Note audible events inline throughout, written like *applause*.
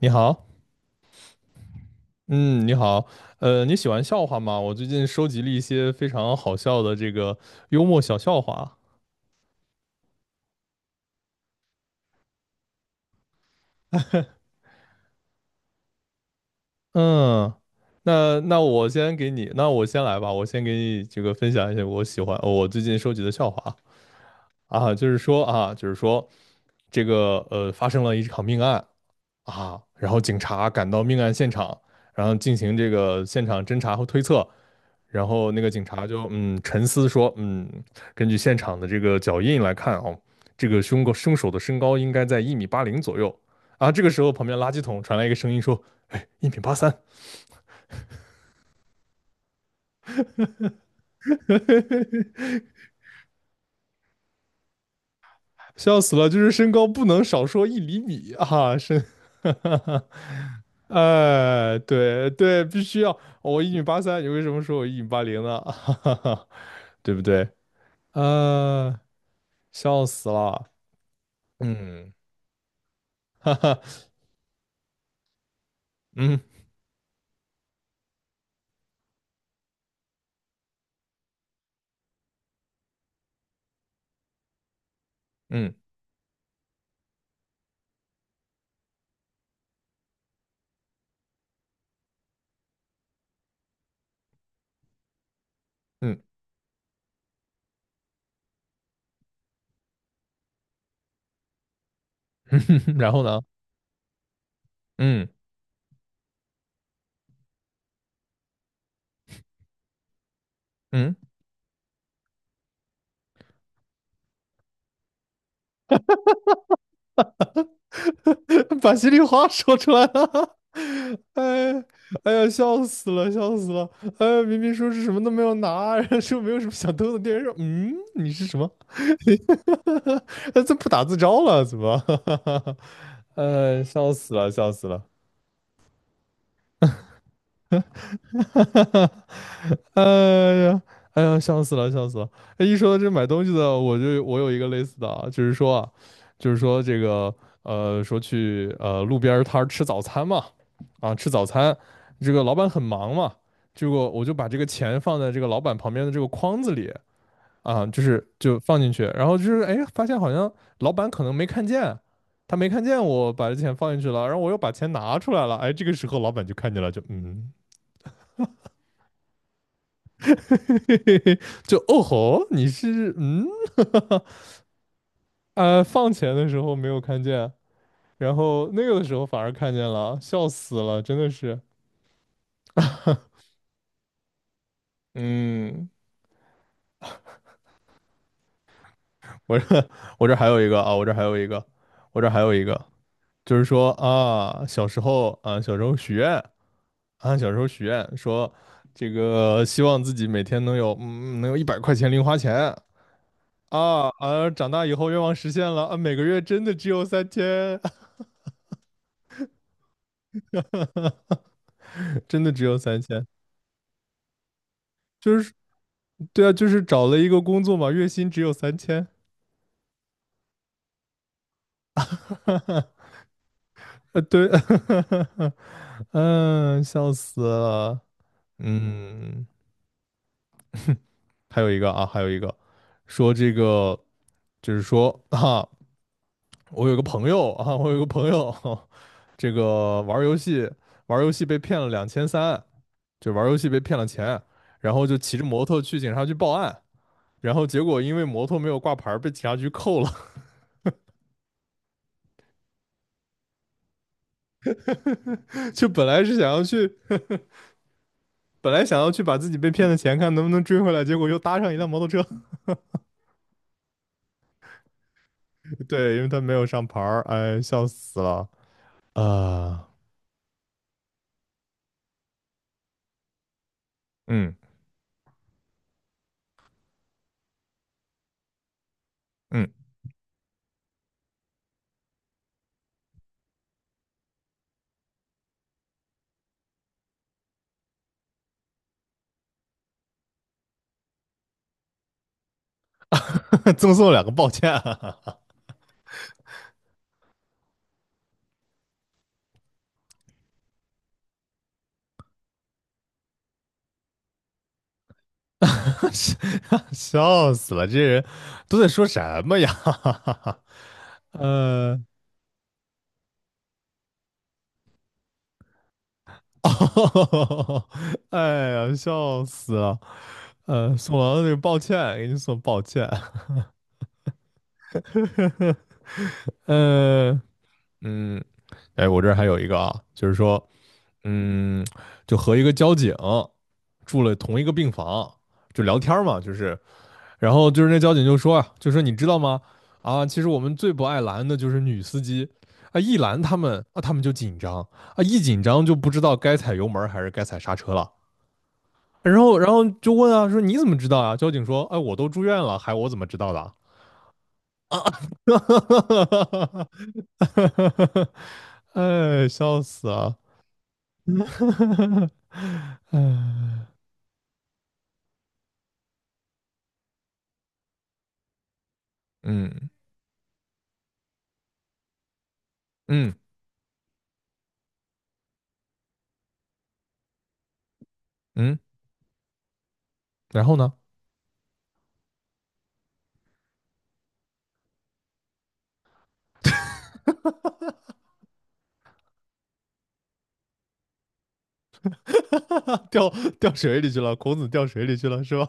你好。嗯，你好。你喜欢笑话吗？我最近收集了一些非常好笑的这个幽默小笑话。嗯，那我先给你，那我先来吧，我先给你这个分享一些我喜欢，我最近收集的笑话。啊，就是说啊，就是说这个发生了一场命案。啊，然后警察赶到命案现场，然后进行这个现场侦查和推测。然后那个警察就沉思说，嗯，根据现场的这个脚印来看哦，这个凶手的身高应该在一米八零左右啊。这个时候旁边垃圾桶传来一个声音说，哎，一米八三。笑死了，就是身高不能少说1厘米啊，身。*laughs* 哈哈哈，哎，对对，必须要，哦我一米八三，你为什么说我一米八零呢？*laughs* 哈哈哈，对不对？呃，笑死了。嗯，哈哈。嗯嗯嗯，*laughs* 然后呢？嗯嗯，*laughs* 把心里话说出来了。*laughs* 哎哎呀，笑死了，笑死了。哎，明明说是什么都没有拿，*laughs* 然后说没有什么想偷的，店员说，嗯，你是什么？*laughs* 这不打自招了，怎么？*laughs* 笑死了，笑死了。*laughs* 哈哈哈，哎呀，哎呀，笑死了，笑死了！哎，一说到这买东西的，我有一个类似的啊，就是说啊，就是说这个说去路边儿摊儿吃早餐嘛。啊，吃早餐。这个老板很忙嘛，结果我就把这个钱放在这个老板旁边的这个筐子里啊，就是就放进去，然后就是哎，发现好像老板可能没看见，他没看见我把这钱放进去了，然后我又把钱拿出来了。哎，这个时候老板就看见了，就嗯。*laughs* 嘿嘿嘿，就哦吼，你是嗯，*laughs* 放钱的时候没有看见，然后那个的时候反而看见了，笑死了，真的是。嗯，我这 *laughs* 我这还有一个啊，我这还有一个，我这还有一个。就是说啊，小时候啊，小时候许愿啊，小时候许愿说这个希望自己每天能有能有100块钱零花钱。啊啊！长大以后愿望实现了啊，每个月真的只有三千。*laughs* 真的只有三千。就是对啊，就是找了一个工作嘛，月薪只有三千。*laughs* 对。*laughs* 嗯，笑死了。嗯，还有一个啊，还有一个，说这个，就是说啊，我有个朋友啊，我有个朋友，*laughs* 这个玩儿游戏，玩儿游戏被骗了2300，就玩儿游戏被骗了钱。然后就骑着摩托去警察局报案，然后结果因为摩托没有挂牌儿被警察局扣了。*laughs* 就本来是想要去本来想要去把自己被骗的钱看能不能追回来，结果又搭上一辆摩托车。*laughs* 对，因为他没有上牌儿，哎，笑死了啊、嗯嗯，*laughs* 赠送两个抱歉。*laughs* 笑死了，这人都在说什么呀？*laughs* 呃，哦哎呀，笑死了。送完了那个抱歉，给你送抱歉。嗯。嗯，哎，我这儿还有一个啊，就是说，嗯，就和一个交警住了同一个病房，就聊天儿嘛，就是。然后就是那交警就说啊，就说你知道吗？啊，其实我们最不爱拦的就是女司机。啊，一拦他们，啊，他们就紧张。啊，一紧张就不知道该踩油门儿还是该踩刹车了。然后，然后就问啊，说你怎么知道啊？交警说，哎，我都住院了，还我怎么知道的啊？*laughs* 哎，笑死啊！*laughs* 嗯嗯嗯嗯，然后呢？*laughs* 掉掉水里去了，孔子掉水里去了，是吧？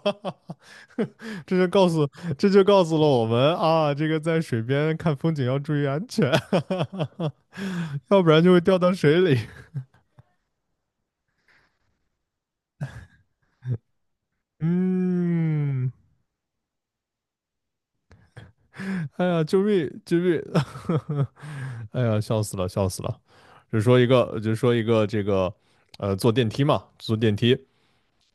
*laughs* 这就告诉这就告诉了我们啊，这个在水边看风景要注意安全。*laughs* 要不然就会掉到水里。嗯，哎呀，救命！救命！*laughs* 哎呀，笑死了，笑死了。就说一个，就说一个这个，坐电梯嘛，坐电梯，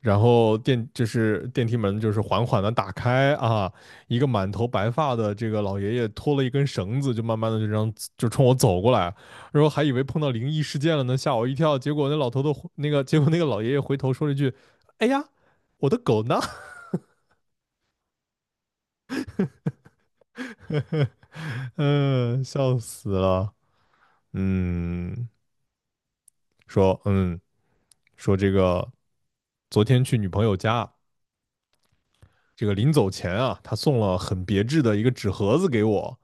然后电就是电梯门就是缓缓的打开啊，一个满头白发的这个老爷爷拖了一根绳子，就慢慢的就这样就冲我走过来。然后还以为碰到灵异事件了呢，吓我一跳。结果那老头的那个，结果那个老爷爷回头说了一句："哎呀，我的狗呢？"嗯，笑死了。嗯，说嗯说这个昨天去女朋友家，这个临走前啊，他送了很别致的一个纸盒子给我。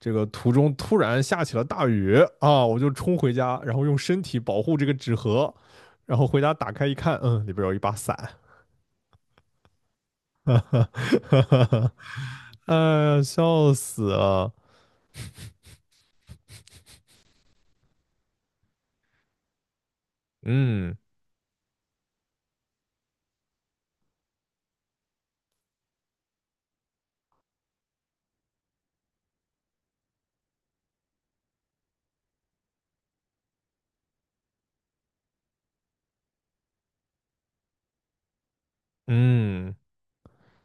这个途中突然下起了大雨啊，我就冲回家，然后用身体保护这个纸盒。然后回家打开一看，嗯，里边有一把伞。*laughs* 哎呀，笑死了。嗯嗯，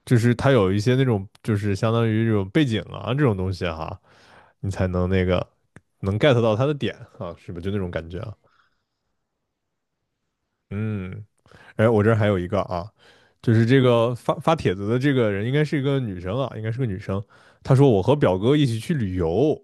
就是它有一些那种就是相当于这种背景啊这种东西哈、啊你才能那个能 get 到它的点啊，是不是就那种感觉啊？嗯，哎，我这儿还有一个啊，就是这个发帖子的这个人应该是一个女生啊，应该是个女生。她说我和表哥一起去旅游。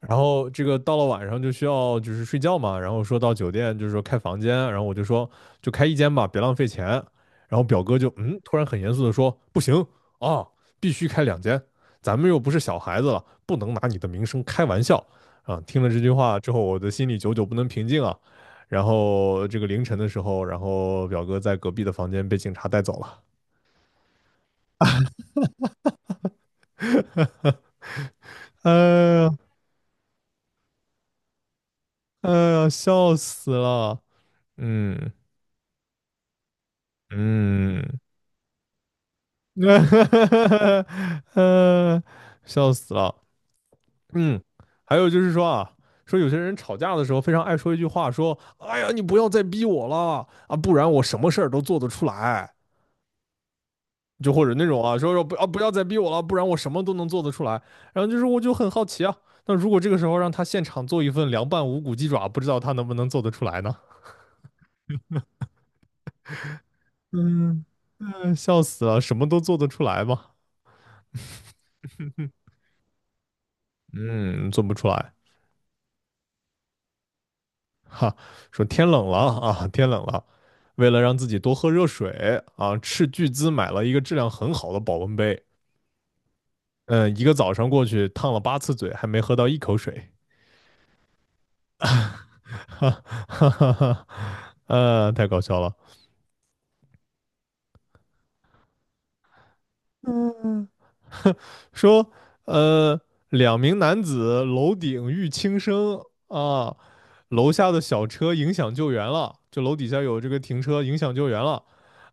然后这个到了晚上就需要就是睡觉嘛，然后说到酒店就是说开房间，然后我就说就开一间吧，别浪费钱。然后表哥就嗯，突然很严肃的说不行啊，必须开两间，咱们又不是小孩子了，不能拿你的名声开玩笑啊。听了这句话之后，我的心里久久不能平静啊。然后这个凌晨的时候，然后表哥在隔壁的房间被警察带走了。哎呀，哎呀，笑死了。嗯嗯。*laughs* 呃，笑死了。嗯，还有就是说啊，说有些人吵架的时候非常爱说一句话，说："哎呀，你不要再逼我了啊，不然我什么事儿都做得出来。"就或者那种啊，说不啊，不要再逼我了，不然我什么都能做得出来。然后就是我就很好奇啊，那如果这个时候让他现场做一份凉拌无骨鸡爪，不知道他能不能做得出来呢？嗯嗯，笑死了，什么都做得出来吗？嗯，做不出来。哈，说天冷了啊，天冷了，为了让自己多喝热水啊，斥巨资买了一个质量很好的保温杯。嗯，一个早上过去烫了8次嘴，还没喝到一口水。哈哈哈哈，太搞笑了。嗯，说，呃，两名男子楼顶遇轻生啊，楼下的小车影响救援了，就楼底下有这个停车影响救援了。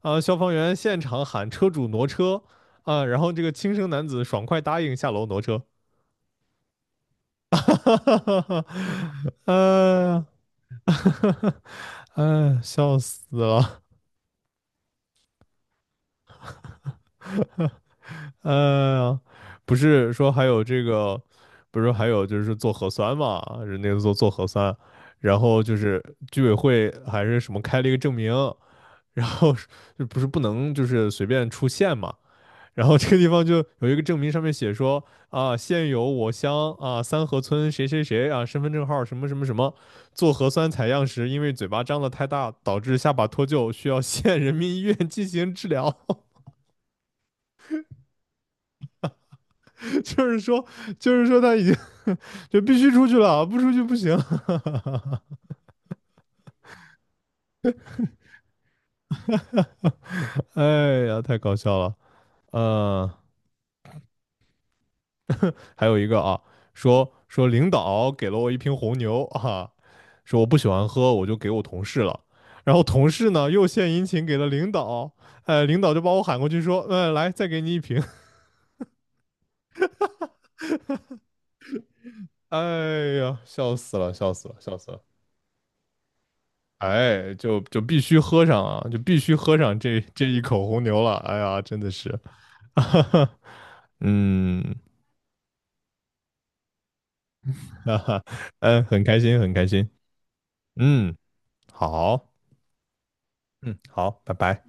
啊，消防员现场喊车主挪车啊，然后这个轻生男子爽快答应下楼挪车。*laughs* 哈哈哈哈哈，*laughs* 哈哈，*laughs* 哎，笑死了。呃，不是说还有这个，不是说还有就是做核酸嘛，人那个做做核酸，然后就是居委会还是什么开了一个证明。然后是就不是不能就是随便出县嘛。然后这个地方就有一个证明上面写说啊，现有我乡啊三河村谁谁谁啊身份证号什么什么什么，做核酸采样时因为嘴巴张得太大导致下巴脱臼，需要 *laughs* 县人民医院进行治疗。*laughs* 就是说，就是说他已经 *laughs* 就必须出去了，不出去不行。*laughs* 哎呀，太搞笑了。嗯，还有一个啊，说说领导给了我一瓶红牛啊，说我不喜欢喝，我就给我同事了。然后同事呢又献殷勤给了领导。哎，领导就把我喊过去说，嗯，来再给你一瓶。*laughs* 哎呀，笑死了，笑死了，笑死了。哎，就必须喝上啊，就必须喝上这一口红牛了。哎呀，真的是，*laughs* 哈哈，嗯，*laughs* 哈哈，嗯，很开心，很开心，嗯，好，嗯，好，拜拜。